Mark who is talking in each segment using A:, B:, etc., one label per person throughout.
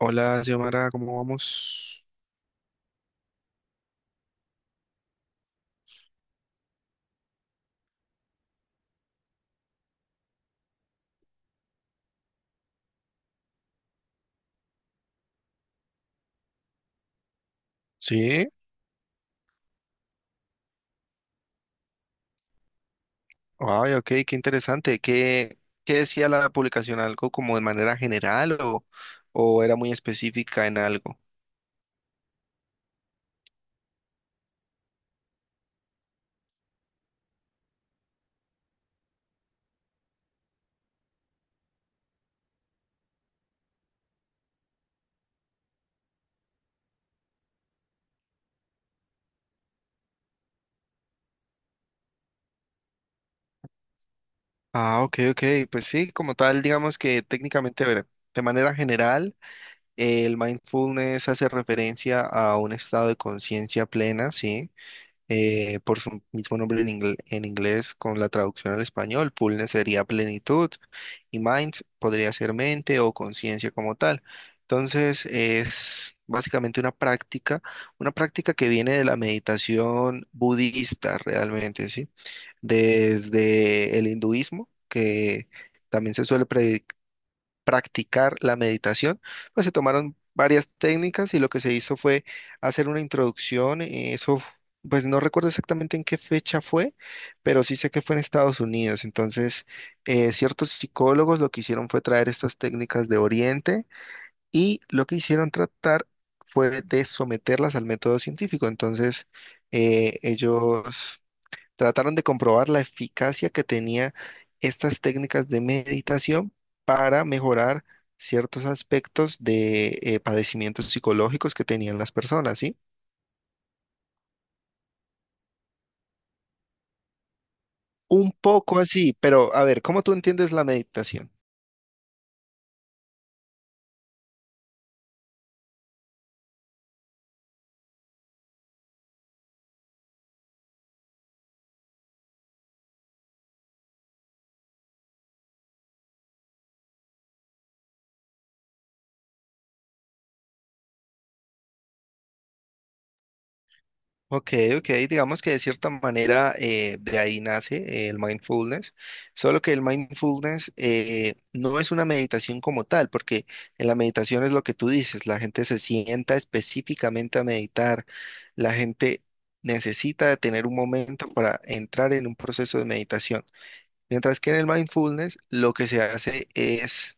A: Hola, Xiomara, ¿cómo vamos? Sí, ay, ok, qué interesante. ¿Qué, qué decía la publicación? ¿Algo como de manera general o era muy específica en algo? Ah, ok, ok, pues sí, como tal, digamos que técnicamente, a ver, de manera general, el mindfulness hace referencia a un estado de conciencia plena, sí, por su mismo nombre en, en inglés con la traducción al español. Fullness sería plenitud y mind podría ser mente o conciencia como tal. Entonces es básicamente una práctica que viene de la meditación budista realmente, ¿sí? Desde el hinduismo, que también se suele predicar practicar la meditación, pues se tomaron varias técnicas y lo que se hizo fue hacer una introducción. Pues no recuerdo exactamente en qué fecha fue, pero sí sé que fue en Estados Unidos. Entonces, ciertos psicólogos lo que hicieron fue traer estas técnicas de Oriente y lo que hicieron tratar fue de someterlas al método científico. Entonces, ellos trataron de comprobar la eficacia que tenía estas técnicas de meditación para mejorar ciertos aspectos de padecimientos psicológicos que tenían las personas, ¿sí? Un poco así, pero a ver, ¿cómo tú entiendes la meditación? Ok, ok, digamos que de cierta manera de ahí nace el mindfulness, solo que el mindfulness no es una meditación como tal, porque en la meditación es lo que tú dices, la gente se sienta específicamente a meditar, la gente necesita tener un momento para entrar en un proceso de meditación, mientras que en el mindfulness lo que se hace es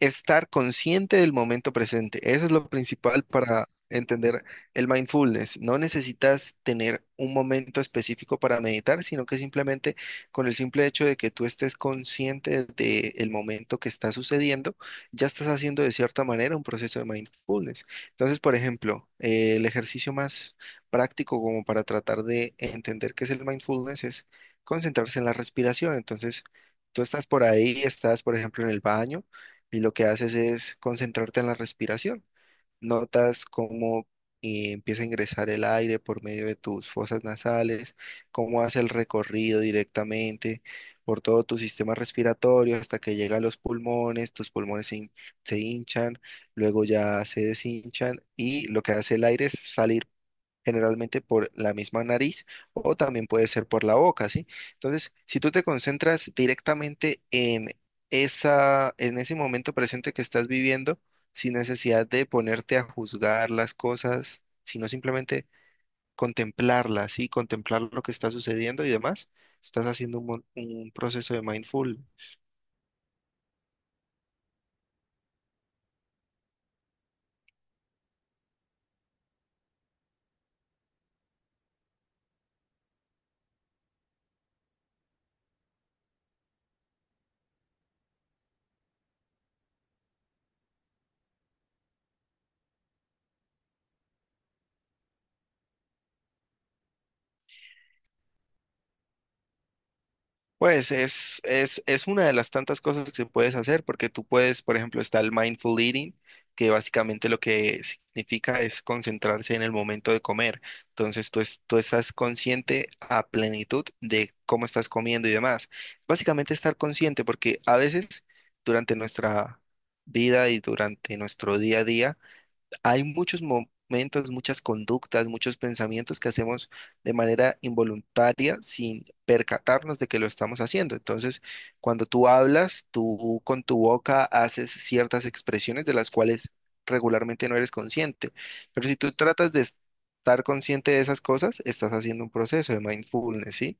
A: estar consciente del momento presente. Eso es lo principal para entender el mindfulness. No necesitas tener un momento específico para meditar, sino que simplemente con el simple hecho de que tú estés consciente del momento que está sucediendo, ya estás haciendo de cierta manera un proceso de mindfulness. Entonces, por ejemplo, el ejercicio más práctico como para tratar de entender qué es el mindfulness es concentrarse en la respiración. Entonces, tú estás por ahí, estás, por ejemplo, en el baño y lo que haces es concentrarte en la respiración. Notas cómo empieza a ingresar el aire por medio de tus fosas nasales, cómo hace el recorrido directamente por todo tu sistema respiratorio hasta que llega a los pulmones, tus pulmones se hinchan, luego ya se deshinchan y lo que hace el aire es salir generalmente por la misma nariz o también puede ser por la boca, ¿sí? Entonces, si tú te concentras directamente en en ese momento presente que estás viviendo, sin necesidad de ponerte a juzgar las cosas, sino simplemente contemplarlas, ¿sí? Contemplar lo que está sucediendo y demás, estás haciendo un proceso de mindfulness. Pues es una de las tantas cosas que puedes hacer, porque tú puedes, por ejemplo, está el mindful eating, que básicamente lo que significa es concentrarse en el momento de comer. Entonces tú estás consciente a plenitud de cómo estás comiendo y demás. Básicamente estar consciente, porque a veces durante nuestra vida y durante nuestro día a día, hay muchos momentos, muchas conductas, muchos pensamientos que hacemos de manera involuntaria sin percatarnos de que lo estamos haciendo. Entonces, cuando tú hablas, tú con tu boca haces ciertas expresiones de las cuales regularmente no eres consciente. Pero si tú tratas de estar consciente de esas cosas, estás haciendo un proceso de mindfulness, ¿sí?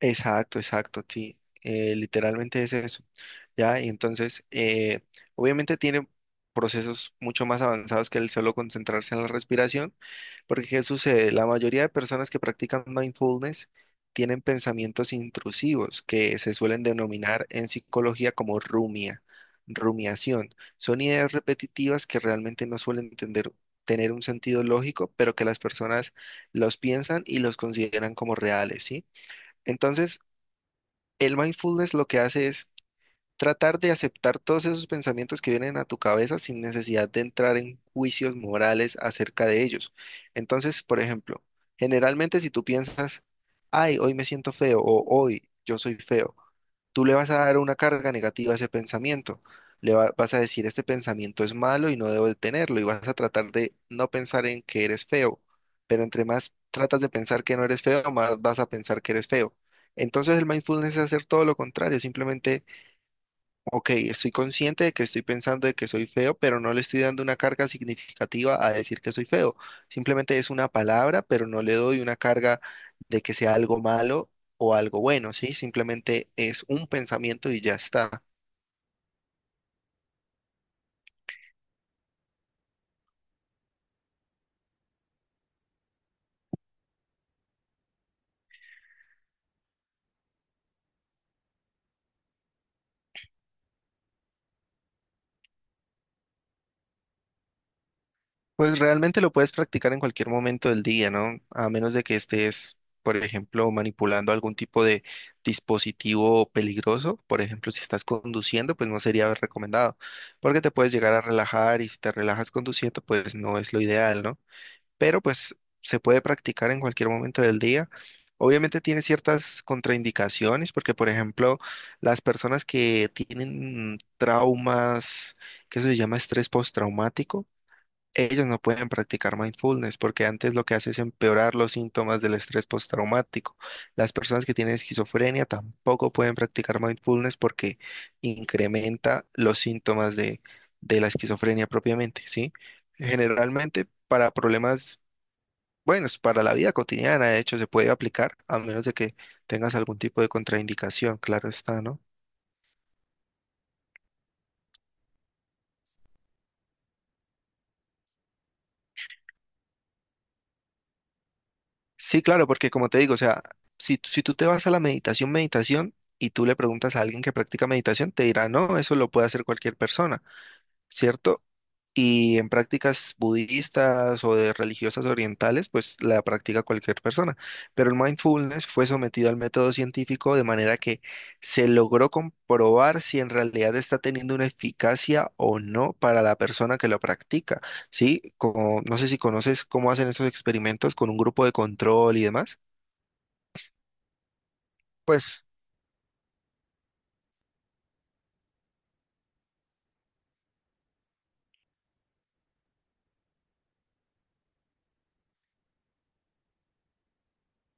A: Exacto, exacto, sí. Literalmente es eso. Ya, y entonces, obviamente tiene procesos mucho más avanzados que el solo concentrarse en la respiración, porque ¿qué sucede? La mayoría de personas que practican mindfulness tienen pensamientos intrusivos que se suelen denominar en psicología como rumia, rumiación. Son ideas repetitivas que realmente no suelen tener un sentido lógico, pero que las personas los piensan y los consideran como reales, ¿sí? Entonces, el mindfulness lo que hace es tratar de aceptar todos esos pensamientos que vienen a tu cabeza sin necesidad de entrar en juicios morales acerca de ellos. Entonces, por ejemplo, generalmente si tú piensas, ay, hoy me siento feo o hoy yo soy feo, tú le vas a dar una carga negativa a ese pensamiento. Vas a decir, este pensamiento es malo y no debo de tenerlo. Y vas a tratar de no pensar en que eres feo. Pero entre más tratas de pensar que no eres feo, más vas a pensar que eres feo. Entonces el mindfulness es hacer todo lo contrario, simplemente ok, estoy consciente de que estoy pensando de que soy feo, pero no le estoy dando una carga significativa a decir que soy feo. Simplemente es una palabra, pero no le doy una carga de que sea algo malo o algo bueno, ¿sí? Simplemente es un pensamiento y ya está. Pues realmente lo puedes practicar en cualquier momento del día, ¿no? A menos de que estés, por ejemplo, manipulando algún tipo de dispositivo peligroso. Por ejemplo, si estás conduciendo, pues no sería recomendado, porque te puedes llegar a relajar y si te relajas conduciendo, pues no es lo ideal, ¿no? Pero pues se puede practicar en cualquier momento del día. Obviamente tiene ciertas contraindicaciones, porque por ejemplo, las personas que tienen traumas, que eso se llama estrés postraumático, ellos no pueden practicar mindfulness porque antes lo que hace es empeorar los síntomas del estrés postraumático. Las personas que tienen esquizofrenia tampoco pueden practicar mindfulness porque incrementa los síntomas de la esquizofrenia propiamente, ¿sí? Generalmente para problemas, bueno, es para la vida cotidiana, de hecho, se puede aplicar a menos de que tengas algún tipo de contraindicación, claro está, ¿no? Sí, claro, porque como te digo, o sea, si tú te vas a la meditación, meditación, y tú le preguntas a alguien que practica meditación, te dirá, no, eso lo puede hacer cualquier persona, ¿cierto? Y en prácticas budistas o de religiosas orientales, pues la practica cualquier persona. Pero el mindfulness fue sometido al método científico de manera que se logró comprobar si en realidad está teniendo una eficacia o no para la persona que lo practica, ¿sí? Como, no sé si conoces cómo hacen esos experimentos con un grupo de control y demás. Pues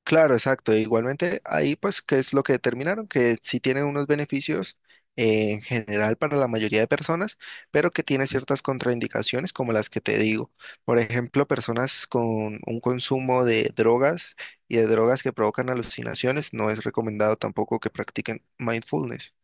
A: claro, exacto. E igualmente ahí pues qué es lo que determinaron, que sí tiene unos beneficios en general para la mayoría de personas, pero que tiene ciertas contraindicaciones como las que te digo. Por ejemplo, personas con un consumo de drogas y de drogas que provocan alucinaciones, no es recomendado tampoco que practiquen mindfulness.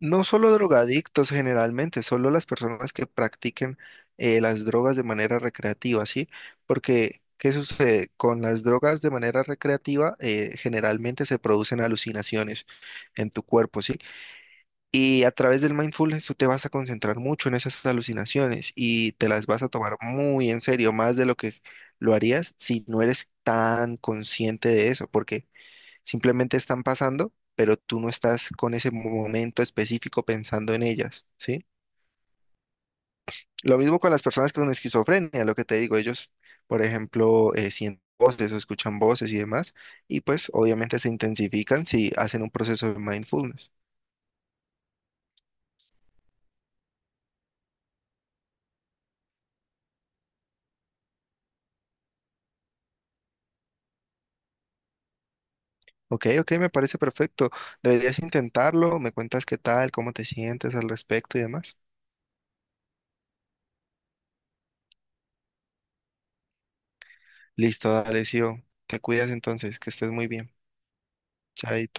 A: No solo drogadictos generalmente, solo las personas que practiquen las drogas de manera recreativa, ¿sí? Porque, ¿qué sucede? Con las drogas de manera recreativa, generalmente se producen alucinaciones en tu cuerpo, ¿sí? Y a través del mindfulness tú te vas a concentrar mucho en esas alucinaciones y te las vas a tomar muy en serio, más de lo que lo harías si no eres tan consciente de eso, porque simplemente están pasando, pero tú no estás con ese momento específico pensando en ellas, ¿sí? Lo mismo con las personas con esquizofrenia, lo que te digo, ellos, por ejemplo, sienten voces o escuchan voces y demás, y pues obviamente se intensifican si hacen un proceso de mindfulness. Ok, ok, me parece perfecto. Deberías intentarlo, me cuentas qué tal, cómo te sientes al respecto y demás. Listo, dale, Sio. Te cuidas entonces, que estés muy bien. Chaito.